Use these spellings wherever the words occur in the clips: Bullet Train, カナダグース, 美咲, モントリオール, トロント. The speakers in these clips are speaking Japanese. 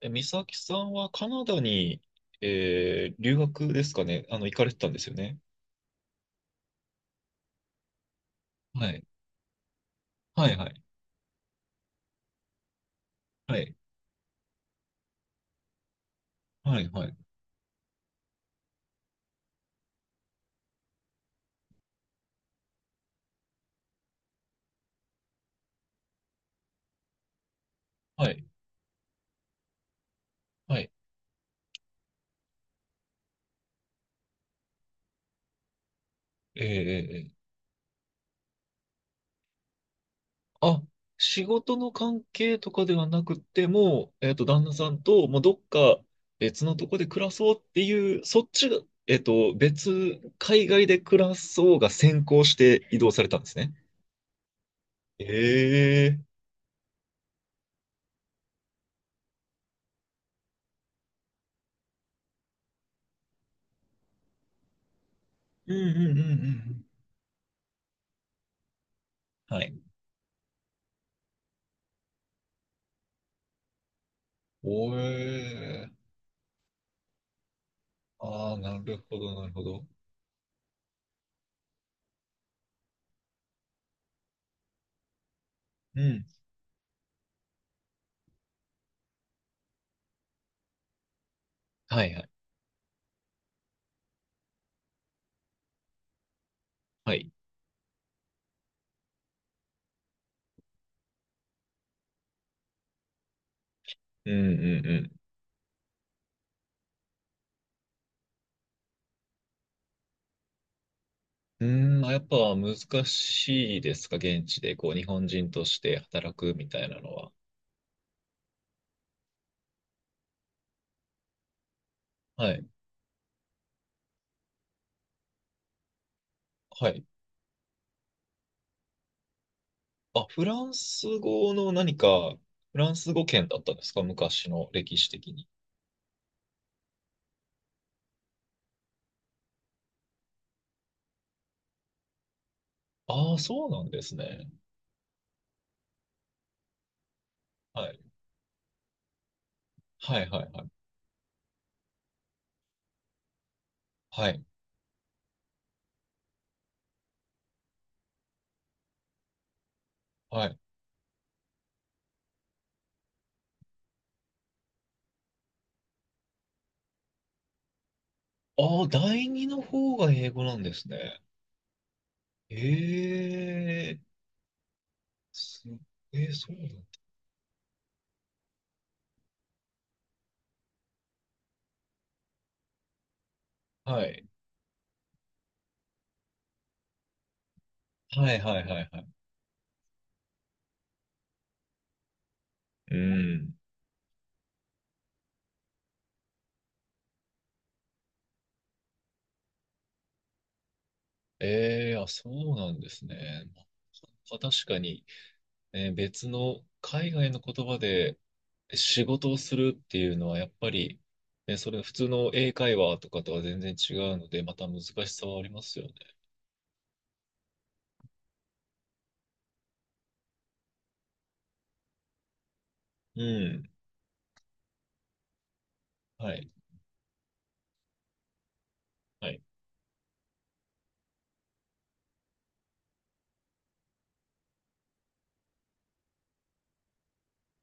え、美咲さんはカナダに、留学ですかね。行かれてたんですよね。はい。はい、はい。はい。はい、はい。はい。はい。えー、あ、仕事の関係とかではなくてもう、旦那さんと、もうどっか別のとこで暮らそうっていう、そっちが、えっと、別、海外で暮らそうが先行して移動されたんですね。ええー、うんうんうんうんうん。はい。おえ。ああ、なるほど、なるほど。うん。はいはい。はい。うんうんうん。うーん、やっぱ難しいですか、現地で、こう、日本人として働くみたいなのは。はい。はい。あ、フランス語圏だったんですか、昔の歴史的に。ああ、そうなんですね。はい。はいはいはい。はい。はい。ああ、第二の方が英語なんですね。ええー、す、そうなんだ。はい。はいはいはいはい。うん。ええ、あ、そうなんですね。まあ確かに、別の海外の言葉で仕事をするっていうのは、やっぱり、ね、それ普通の英会話とかとは全然違うので、また難しさはありますよね。うん。はい。はい。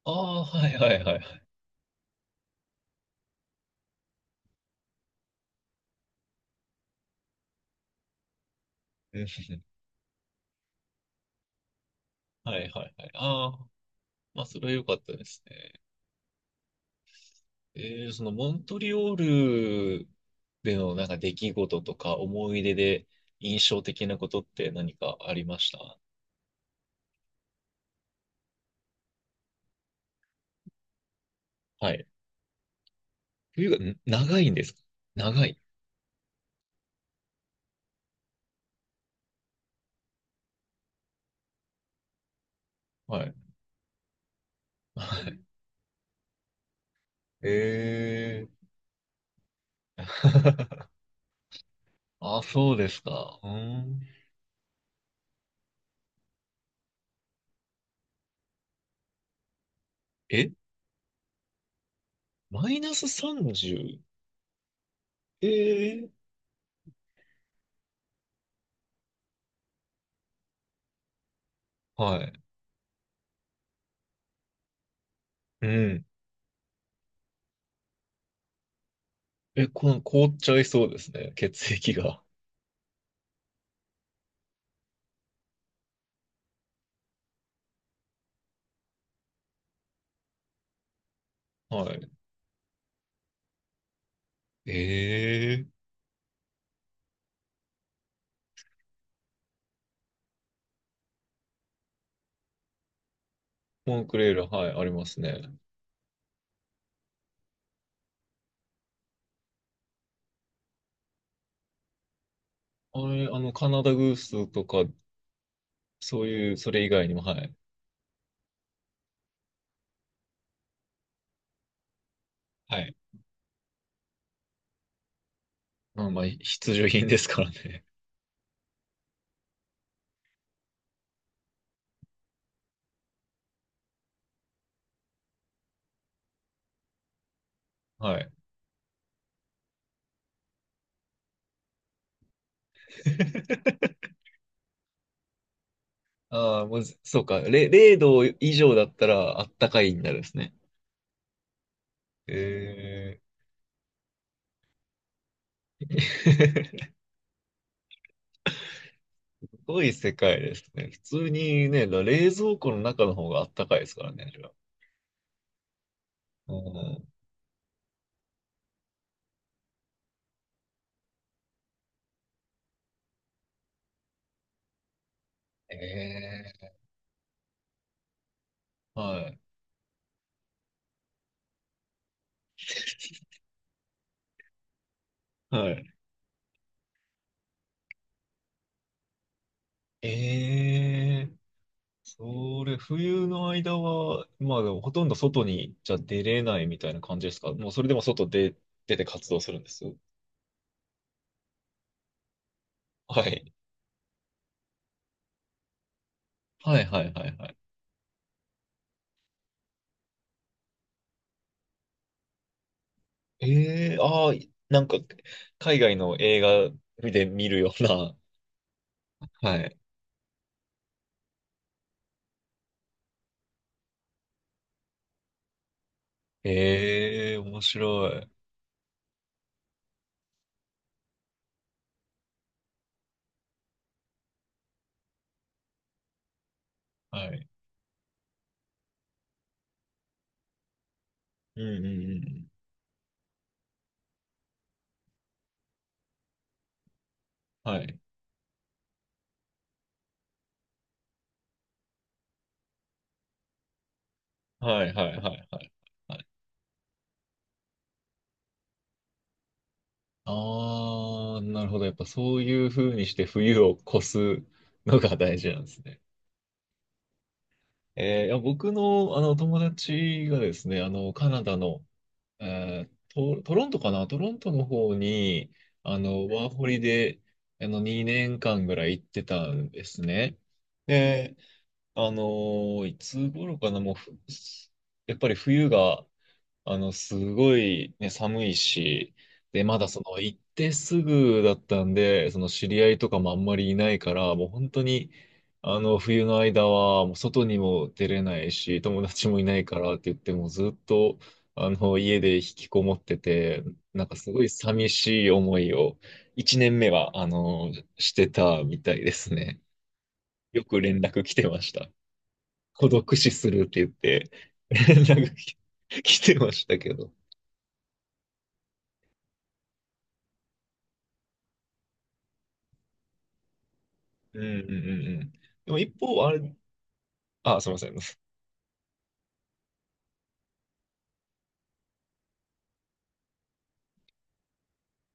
ああ、はいはいはいはい。うん、はいはいはい。ああ、まあ、それは良かったですね。えそのモントリオールでのなんか出来事とか思い出で印象的なことって何かありました？はい。冬が長いんですか？長い。はい。はい。えー。あ、そうですか。うん。え、マイナス 30？ えー。はい。うん。え、凍っちゃいそうですね。血液が。はい。えー。モンクレール、はい、ありますね。あれ、あの、カナダグースとかそういう、それ以外にも、はい。はい。まあまあ、必需品ですからね。はい。ああ、もう、そうか。0度以上だったら、あったかいになるんですね。ええ。 すごい世界ですね。普通にね、冷蔵庫の中の方があったかいですからね、あれは。うん。ええ、はい。はい。ええ。それ、冬の間は、まあでもほとんど外にじゃ出れないみたいな感じですか？もうそれでも外で出て活動するんです？はい。はいはいはいはい。ええ、ああ、なんか、海外の映画で見るような。はい。ええ、面白い。はい。うんうんうん。はい。はいはいはいはい。はい、ああ、なるほど。やっぱそういう風にして冬を越すのが大事なんですね。いや僕の、あの友達がですね、カナダのトロントかな、トロントの方に、ワーホリで、2年間ぐらい行ってたんですね。で、あのいつ頃かなもう、やっぱり冬がすごいね、寒いし、で、まだその行ってすぐだったんで、その知り合いとかもあんまりいないから、もう本当に、冬の間は、もう外にも出れないし、友達もいないからって言って、もうずっと、家で引きこもってて、なんかすごい寂しい思いを、一年目は、してたみたいですね。よく連絡来てました。孤独死するって言って、連絡来てましたけど。うんうんうんうん。でも一方、あれ、あ、すみません。う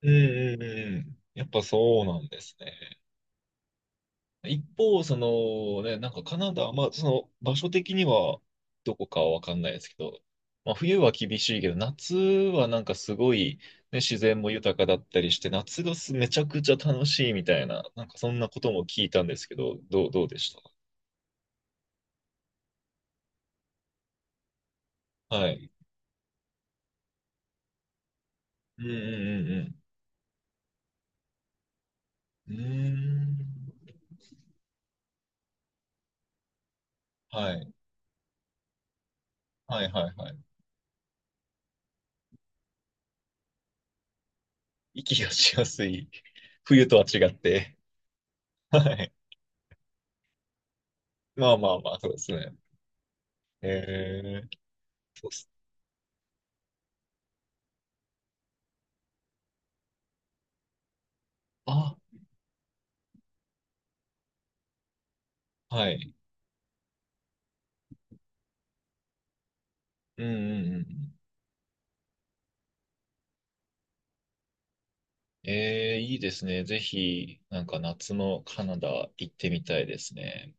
んうんうんうん。やっぱそうなんですね。一方、そのね、なんかカナダ、まあその場所的にはどこかはわかんないですけど、まあ冬は厳しいけど、夏はなんかすごい、ね、自然も豊かだったりして、夏がめちゃくちゃ楽しいみたいな、なんかそんなことも聞いたんですけど、どうでした？はい。うんうんうんうん。うーん。はい。はいはいはい。息がしやすい。冬とは違って。はい。まあまあまあ、そうですね。えー、そうっす。あ、はい。うんうんうん。いいですね。ぜひ、なんか夏のカナダ行ってみたいですね。